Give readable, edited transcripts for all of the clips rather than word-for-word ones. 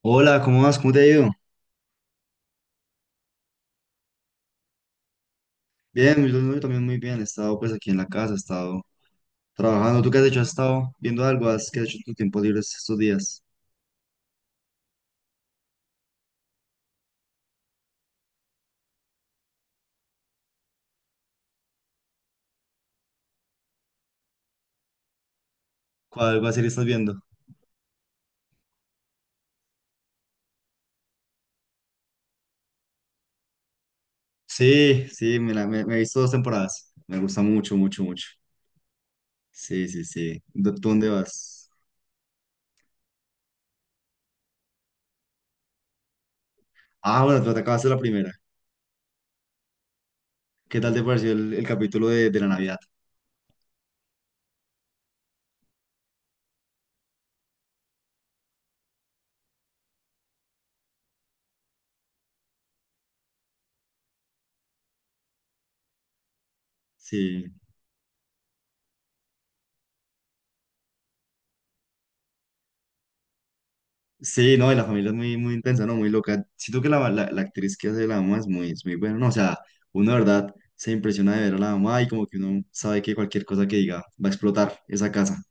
Hola, ¿cómo vas? ¿Cómo te ha ido? Bien, yo también muy bien. He estado pues aquí en la casa, he estado trabajando. ¿Tú qué has hecho? ¿Has estado viendo algo? ¿Qué has hecho en tus tiempos libres estos días? ¿Cuál va a ser estás viendo? Sí, sí, me he visto dos temporadas. Me gusta mucho, mucho, mucho. Sí, sí, sí. ¿Tú dónde vas? Ah, bueno, tú te acabaste la primera. ¿Qué tal te pareció el capítulo de la Navidad? Sí. Sí, no, y la familia es muy, muy intensa, ¿no? Muy loca. Siento que la actriz que hace la mamá es muy buena, ¿no? O sea, uno de verdad se impresiona de ver a la mamá y como que uno sabe que cualquier cosa que diga va a explotar esa casa.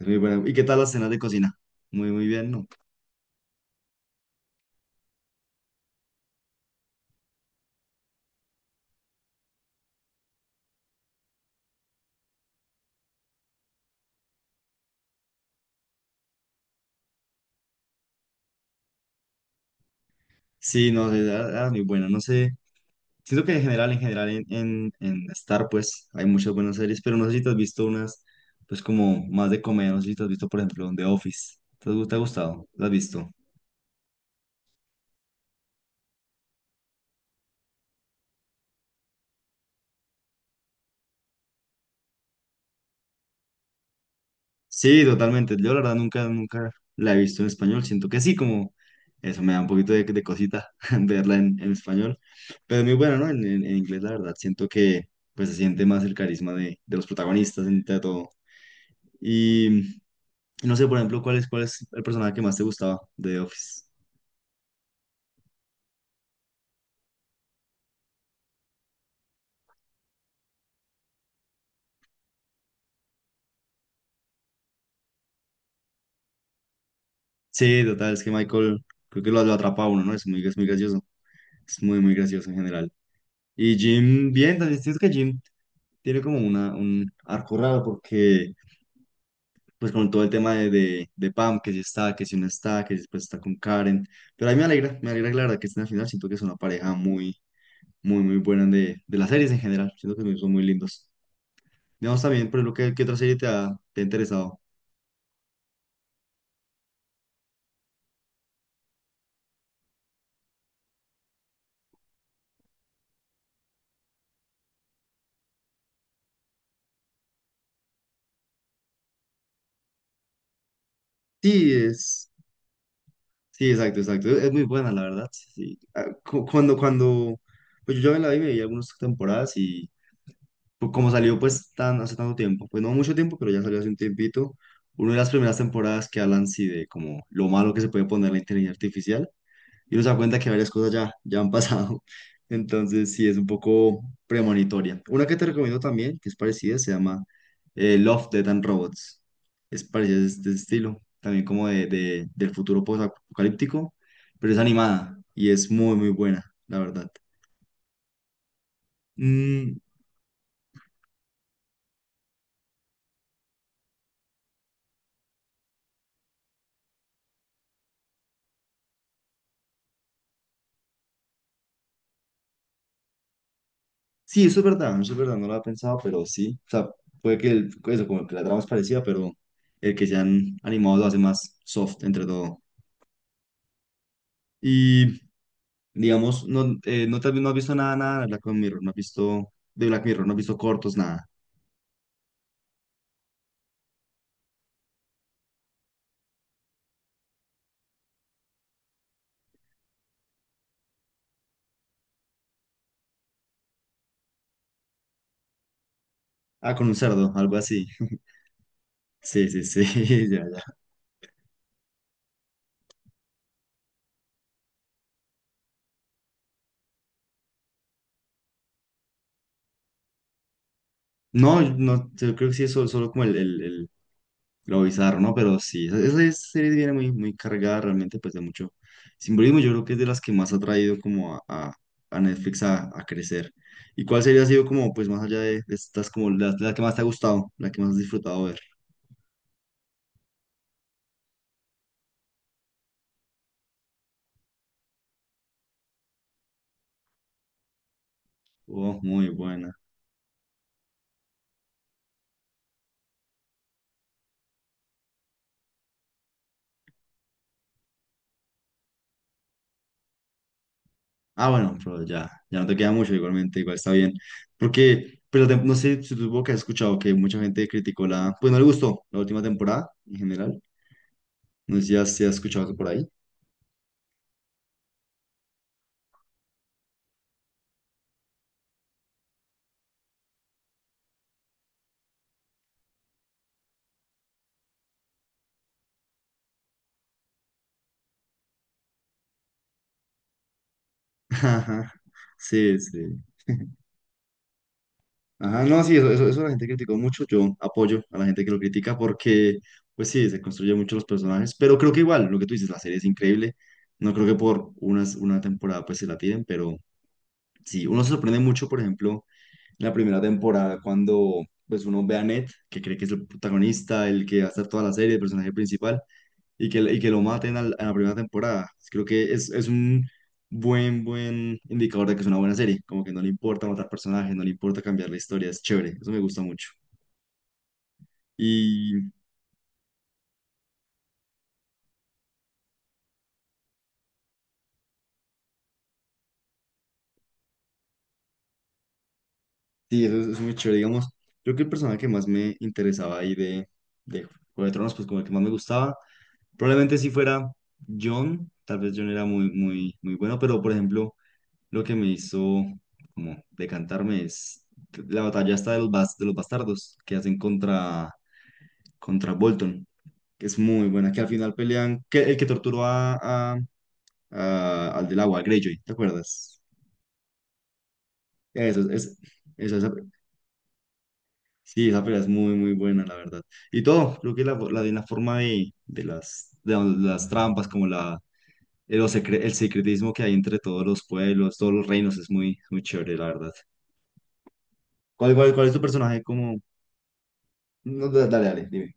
Es muy buena. ¿Y qué tal las escenas de cocina? Muy, muy bien, ¿no? Sí, no, sí, era, era muy buena, no sé. Siento que en general, en general, en Star, pues, hay muchas buenas series, pero no sé si te has visto unas, pues, como más de comedia, no sé si te has visto, por ejemplo, The Office. ¿Te ha gustado? ¿La has visto? Sí, totalmente. Yo la verdad nunca, nunca la he visto en español. Siento que sí, como eso me da un poquito de cosita verla en español. Pero es muy bueno, ¿no? En inglés, la verdad, siento que pues se siente más el carisma de los protagonistas entre todo. Y no sé, por ejemplo, ¿cuál es el personaje que más te gustaba de The Office? Sí, total, es que Michael creo que lo atrapa a uno, ¿no? Es muy gracioso. Es muy, muy gracioso en general. Y Jim, bien, también siento que Jim tiene como una, un arco raro porque pues con todo el tema de Pam, que si está, que si no está, que si después está con Karen. Pero a mí me alegra que la verdad que estén al final. Siento que es una pareja muy, muy, muy buena de las series en general. Siento que son muy lindos. Digamos también, por lo que, ¿qué otra serie te ha interesado? Sí, es, sí, exacto, exacto. Es muy buena, la verdad. Sí. Ah, cuando, cuando, pues yo ya me la vi, me vi algunas temporadas y pues como salió pues tan, hace tanto tiempo, pues no mucho tiempo, pero ya salió hace un tiempito, una de las primeras temporadas que hablan sí de como lo malo que se puede poner la inteligencia artificial y uno se da cuenta que varias cosas ya, ya han pasado, entonces sí es un poco premonitoria. Una que te recomiendo también, que es parecida, se llama Love, Death and Robots, es parecida de este estilo, también como de, del futuro post-apocalíptico, pero es animada y es muy muy buena, la verdad. Mm, sí, eso es verdad, no lo había pensado, pero sí. O sea, puede que eso, como que la trama es parecida, pero el que sean animados lo hace más soft entre todo. Y, digamos, no, no, no has visto nada, nada de Black Mirror, no has visto de Black Mirror, no has visto cortos, nada. Ah, con un cerdo, algo así. Sí, sí, sí, ya, ya. No, no, yo creo que sí es solo, solo como lo bizarro, ¿no? Pero sí, esa, esa serie viene muy, muy cargada realmente pues de mucho simbolismo. Yo creo que es de las que más ha traído como a, a Netflix a crecer. ¿Y cuál serie ha sido como pues más allá de estas como la que más te ha gustado, la que más has disfrutado ver? Oh, muy buena. Ah, bueno, pero ya, ya no te queda mucho igualmente, igual está bien. Porque, pero no sé si tú que has escuchado que mucha gente criticó la, pues no le gustó la última temporada en general. No sé si has, si has escuchado eso por ahí. Ajá. Sí, sí. Ajá, no, sí, eso la gente criticó mucho. Yo apoyo a la gente que lo critica porque, pues sí, se construyen mucho los personajes, pero creo que igual, lo que tú dices, la serie es increíble. No creo que por unas, una temporada pues se la tiren, pero sí, uno se sorprende mucho, por ejemplo, en la primera temporada cuando pues uno ve a Ned, que cree que es el protagonista, el que va a estar toda la serie, el personaje principal, y que lo maten a la primera temporada. Creo que es un buen, buen indicador de que es una buena serie. Como que no le importa matar personajes, no le importa cambiar la historia, es chévere, eso me gusta mucho. Y sí, eso es muy chévere, digamos. Creo que el personaje que más me interesaba ahí de Juego de Tronos, pues como el que más me gustaba, probablemente si fuera Jon tal vez Jon era muy, muy, muy bueno, pero por ejemplo, lo que me hizo como decantarme es la batalla esta de los, de los bastardos que hacen contra contra Bolton, que es muy buena, que al final pelean, que el que torturó a, a- al del agua, a Greyjoy, ¿te acuerdas? Eso, es, eso, sí, esa pelea es muy, muy buena, la verdad. Y todo, creo que la, de la forma de las trampas, como la, el, el secretismo que hay entre todos los pueblos, todos los reinos, es muy, muy chévere, la verdad. ¿Cuál es tu personaje como... No, dale, dale, dime.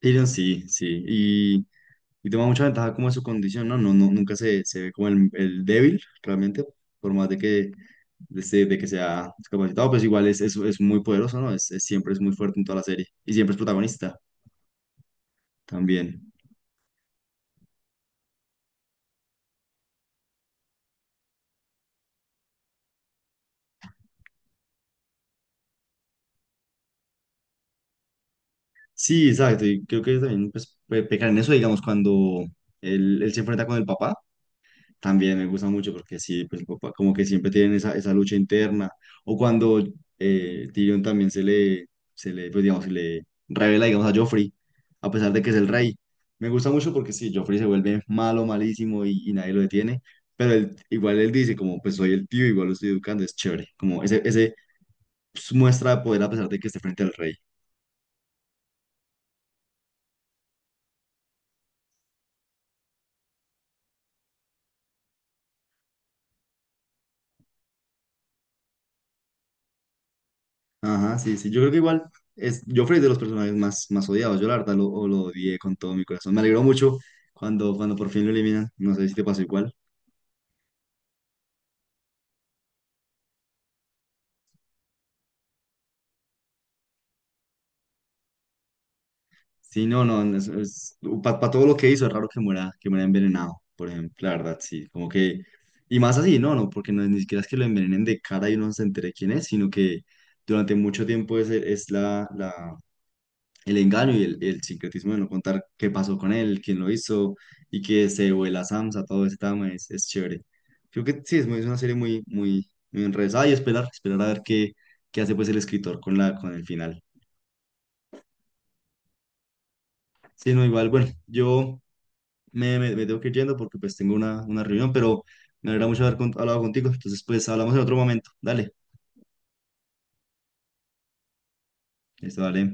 Tyrion, sí, sí. Y toma mucha ventaja como de su condición, ¿no? No, no nunca se, se ve como el débil, realmente, por más de que, de, de que sea discapacitado, pues igual es muy poderoso, ¿no? Es, siempre es muy fuerte en toda la serie y siempre es protagonista también. Sí, exacto, y creo que también pues, pecar en eso, digamos, cuando él se enfrenta con el papá. También me gusta mucho porque sí, pues el papá como que siempre tienen esa, esa lucha interna. O cuando Tyrion también pues digamos, se le revela, digamos, a Joffrey, a pesar de que es el rey. Me gusta mucho porque sí, Joffrey se vuelve malo, malísimo y nadie lo detiene. Pero igual él dice como, pues soy el tío, igual lo estoy educando, es chévere. Como ese pues, muestra de poder a pesar de que esté frente al rey. Ajá, sí, sí. Yo creo que igual es Joffrey es de los personajes más, más odiados. Yo la verdad lo, o lo odié con todo mi corazón. Me alegró mucho cuando, cuando por fin lo eliminan. No sé si te pasó igual. Sí, no, no, no, es para todo lo que hizo, es raro que muera envenenado, por ejemplo. La verdad, sí. Como que. Y más así, no, no, porque no, ni siquiera es que lo envenenen de cara y uno no se entere quién es, sino que durante mucho tiempo es la, la, el engaño y el sincretismo de no contar qué pasó con él, quién lo hizo y que se vuela Samsa, todo ese tema es chévere. Creo que sí, es, es una serie muy, muy, muy enrevesada y esperar, esperar a ver qué, qué hace pues el escritor con la, con el final. Sí, no, igual, bueno, yo me tengo que ir yendo porque pues tengo una reunión, pero me alegra mucho haber hablado contigo, entonces pues hablamos en otro momento. Dale, listo, dale.